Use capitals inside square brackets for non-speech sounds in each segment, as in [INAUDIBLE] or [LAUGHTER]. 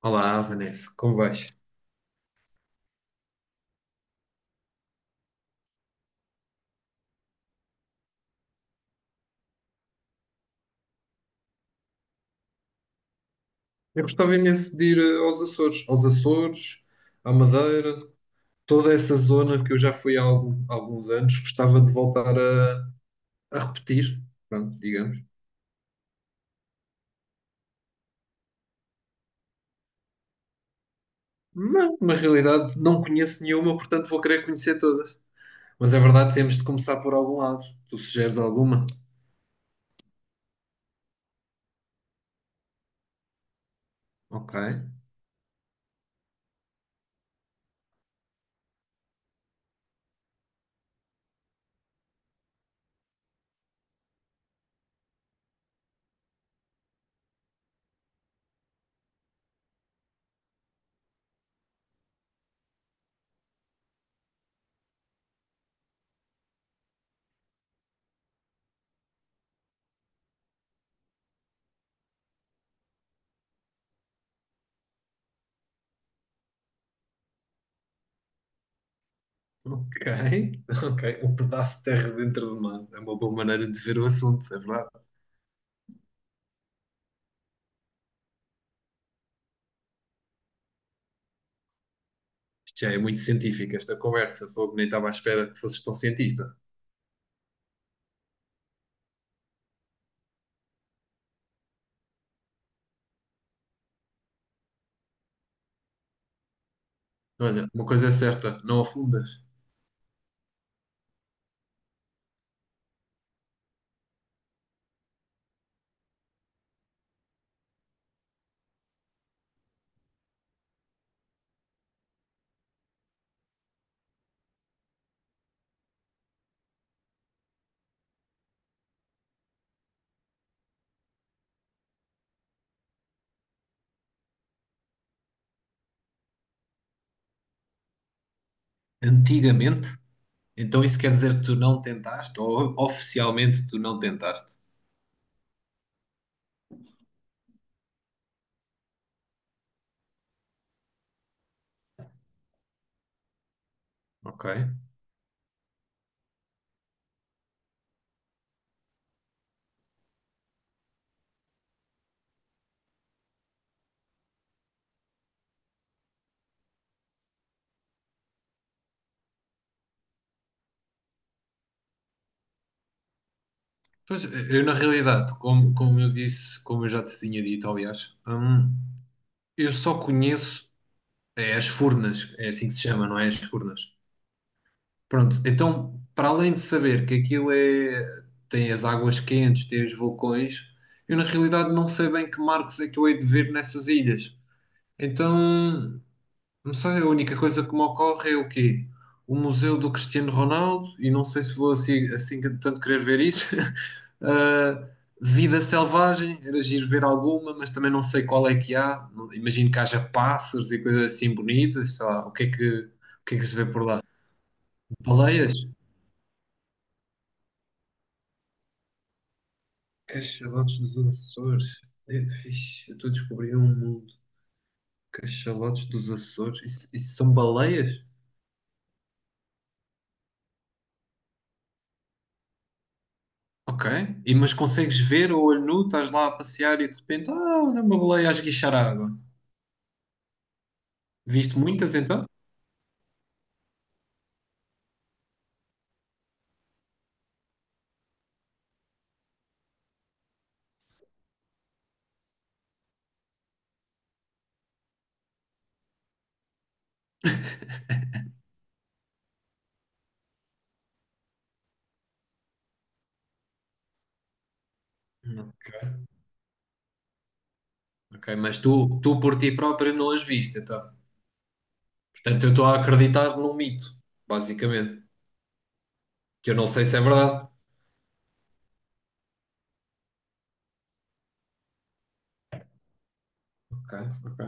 Olá, Vanessa, como vais? Eu gostava imenso de ir aos Açores, à Madeira, toda essa zona que eu já fui há alguns anos, gostava de voltar a repetir, pronto, digamos. Mas, na realidade, não conheço nenhuma, portanto vou querer conhecer todas. Mas é verdade, temos de começar por algum lado. Tu sugeres alguma? Ok, ok. [LAUGHS] Ok. Um pedaço de terra dentro do mar. É uma boa maneira de ver o assunto, é verdade. Isto já é muito científico, esta conversa. Fogo, nem estava à espera que fosses tão cientista. Olha, uma coisa é certa, não afundas. Antigamente, então isso quer dizer que tu não tentaste, ou oficialmente tu não tentaste. Ok. Pois, eu na realidade, como eu disse, como eu já te tinha dito, aliás, eu só conheço é, as furnas, é assim que se chama, não é? As furnas. Pronto, então, para além de saber que aquilo é, tem as águas quentes, tem os vulcões, eu na realidade não sei bem que marcos é que eu hei de ver nessas ilhas. Então, não sei, a única coisa que me ocorre é o quê? O Museu do Cristiano Ronaldo, e não sei se vou assim tanto querer ver isso. [LAUGHS] Ah, vida selvagem, era giro ver alguma, mas também não sei qual é que há. Imagino que haja pássaros e coisas assim bonitas, sei lá, o que é que se vê por lá? Baleias? Cachalotes dos Açores. Eh, ixi, eu estou a descobrir um mundo. Cachalotes dos Açores. Isso são baleias? Ok. E, mas consegues ver a olho nu, estás lá a passear e de repente, ah, olha uma baleia a esguichar água. Viste muitas então? Não. Ok, mas tu por ti próprio não as viste, então. Portanto, eu estou a acreditar num mito, basicamente. Que eu não sei se é verdade. Ok, ok.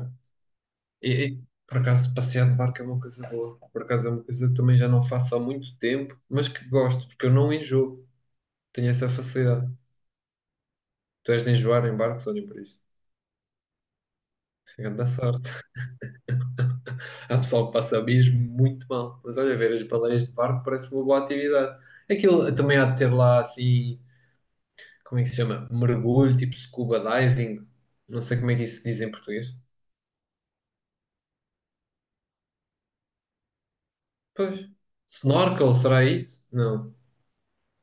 E, por acaso, passear de barco é uma coisa boa. Por acaso, é uma coisa que também já não faço há muito tempo, mas que gosto, porque eu não enjoo. Tenho essa facilidade. Tu és de enjoar em barcos, olhem por isso. Grande sorte. Há pessoal que passa mesmo muito mal. Mas olha, ver as baleias de barco parece uma boa atividade. Aquilo também há de ter lá assim, como é que se chama? Mergulho, tipo scuba diving. Não sei como é que isso se diz em português. Pois. Snorkel, será isso? Não.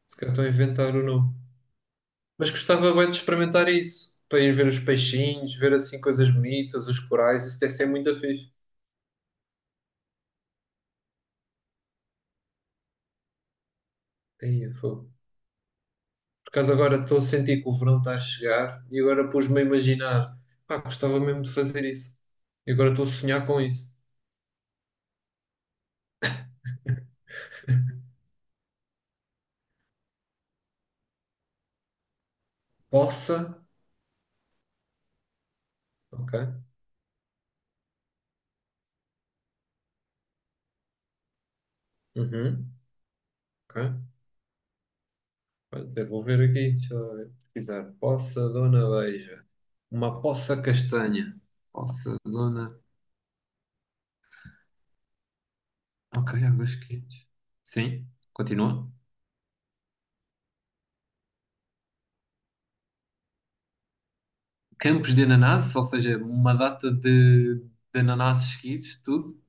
Se calhar estou a inventar o nome. Mas gostava bem de experimentar isso. Para ir ver os peixinhos, ver assim coisas bonitas, os corais, isso deve ser muito fixe. Aí, por acaso agora estou a sentir que o verão está a chegar e agora pus-me a imaginar, pá, gostava mesmo de fazer isso. E agora estou a sonhar com isso. Poça, ok, uhum, ok. Olha, até vou ver aqui, deixa eu ver, pesquisar. Poça Dona Beija. Uma poça castanha. Poça Dona... Ok, águas quentes. Sim, continua. Campos de ananás, ou seja, uma data de ananás seguidos, tudo.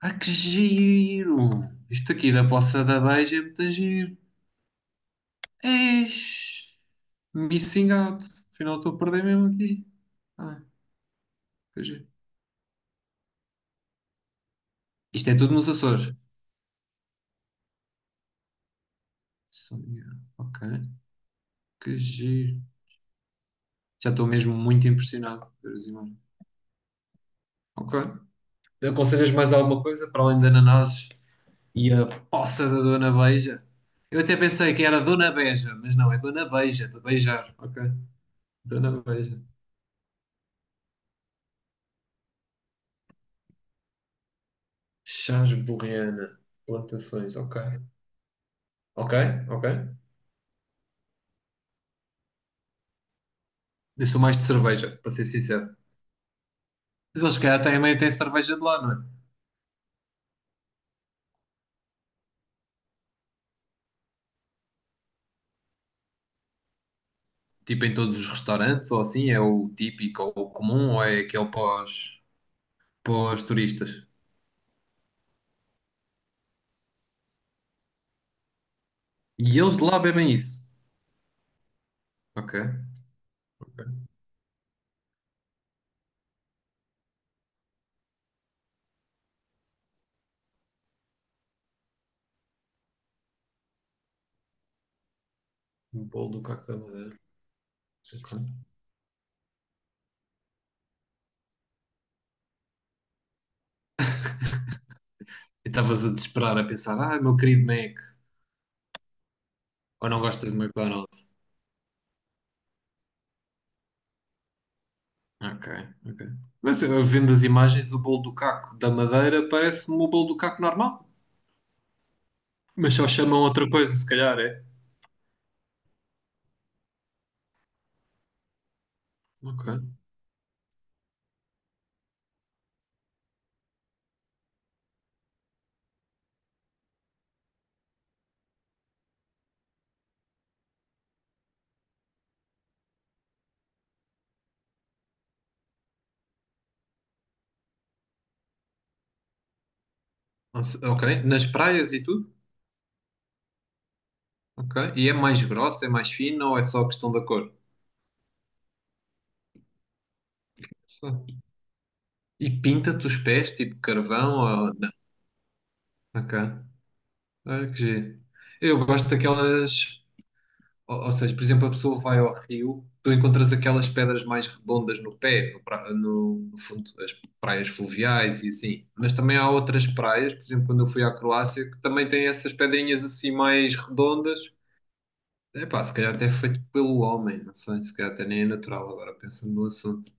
Ah, que giro! Isto aqui da Poça da Beija é muito giro. Eish, missing out. Afinal, estou a perder mesmo aqui. Ah, que giro. Isto é tudo nos Açores. São Miguel. Ok, que giro. Já estou mesmo muito impressionado por ver as imagens. Ok. Aconselhas mais alguma coisa para além de ananases e a poça da Dona Beija? Eu até pensei que era Dona Beja, mas não, é Dona Beija, de beijar. Ok, Dona Beija. Chás Borreana. Plantações, ok. Ok, ok. Eu sou mais de cerveja, para ser sincero. Mas eles, se calhar, também têm cerveja de lá, não é? Tipo em todos os restaurantes, ou assim, é o típico ou o comum, ou é aquele pós turistas. E eles de lá bebem isso. Ok. Um bolo do Caco da Madeira. Ok. E estavas a desesperar, a pensar, ah, meu querido Mac, ou não gostas de McDonald's? Ok, ok. Mas eu vendo as imagens, o bolo do Caco da Madeira parece-me o bolo do Caco normal. Mas só chamam outra coisa, se calhar, é. Ok. Não sei- Ok. Nas praias e tudo? Ok. E é mais grossa, é mais fina ou é só questão da cor? [LAUGHS] Só. E pinta-te os pés, tipo carvão ou... Não. Ok. Olha que giro. Eu gosto daquelas... ou seja, por exemplo, a pessoa vai ao rio, tu encontras aquelas pedras mais redondas no pé, no fundo, as praias fluviais e assim. Mas também há outras praias, por exemplo, quando eu fui à Croácia, que também têm essas pedrinhas assim mais redondas. Epá, se calhar até é feito pelo homem, não sei, se calhar até nem é natural agora, pensando no assunto.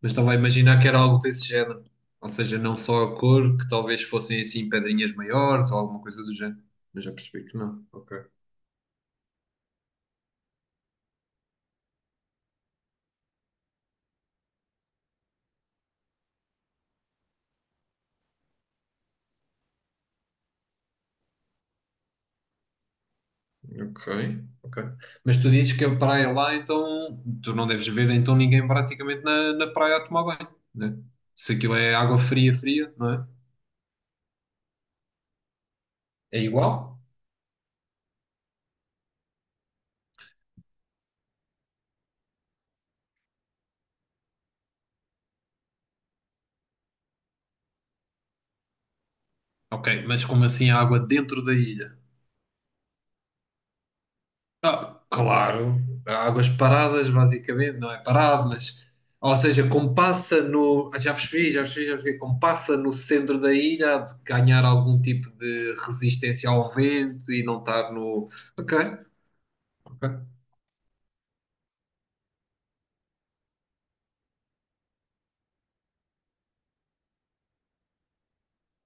Mas estava a imaginar que era algo desse género. Ou seja, não só a cor, que talvez fossem assim pedrinhas maiores ou alguma coisa do género. Mas já percebi que não. Ok, ok, ok. Mas tu dizes que a praia é lá, então tu não deves ver então ninguém praticamente na praia a tomar banho, né? Se aquilo é água fria, fria, não é? É igual? Ok, mas como assim a água dentro da ilha? Ah, claro, águas paradas, basicamente, não é parado, mas. Ou seja, como passa no. Ah, já percebi, já percebi, já percebi. Como passa no centro da ilha, há de ganhar algum tipo de resistência ao vento e não estar no. Ok, ok.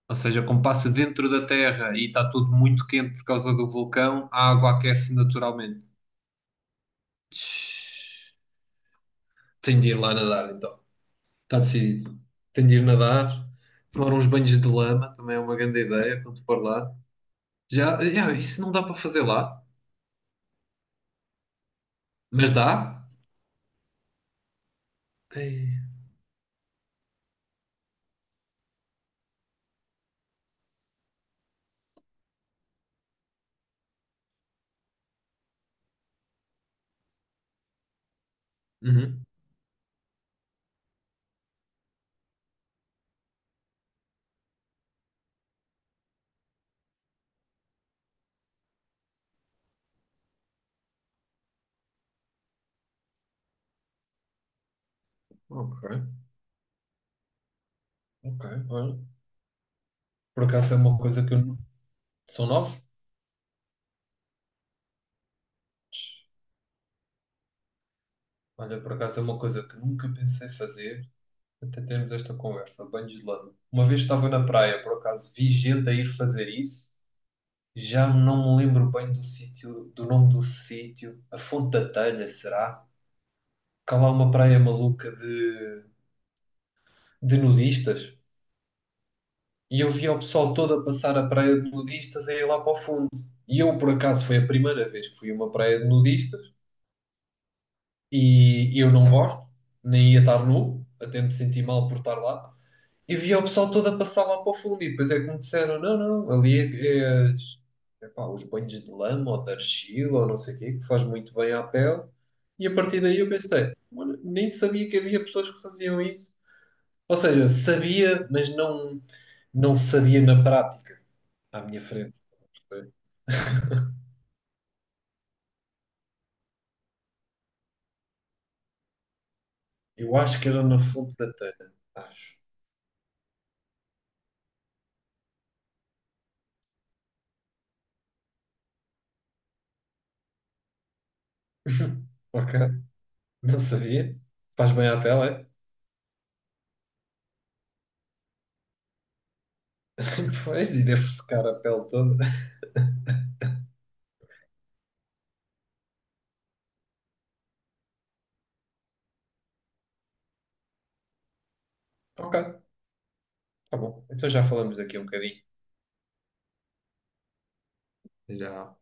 Ou seja, como passa dentro da terra e está tudo muito quente por causa do vulcão, a água aquece naturalmente. Tch, tenho de ir lá nadar, então. Está decidido. Tenho de ir nadar, tomar uns banhos de lama, também é uma grande ideia, quando for lá. Já, yeah, isso não dá para fazer lá, mas dá. Ei, uhum. Ok, ok, olha. Por acaso é uma coisa que São nove? Olha, por acaso é uma coisa que nunca pensei fazer até termos esta conversa. Banho de lama. Uma vez estava na praia, por acaso vi gente a ir fazer isso. Já não me lembro bem do sítio, do nome do sítio. A Fonte da Telha, será? Cá lá uma praia maluca de nudistas. E eu via o pessoal todo a passar a praia de nudistas a ir lá para o fundo. E eu, por acaso, foi a primeira vez que fui a uma praia de nudistas e eu não gosto, nem ia estar nu, até me senti mal por estar lá. E via o pessoal todo a passar lá para o fundo e depois é que me disseram, não, não, ali é, epá, os banhos de lama ou de argila ou não sei o quê, que faz muito bem à pele. E a partir daí eu pensei, "Mano, nem sabia que havia pessoas que faziam isso. Ou seja, sabia, mas não sabia na prática à minha frente. Eu acho que era no fundo da telha. Acho. [LAUGHS] Ok. Não sabia. Faz bem à pele, é? [LAUGHS] Pois, e deve secar a pele toda. Ok, tá bom. Então já falamos daqui a um bocadinho. Já.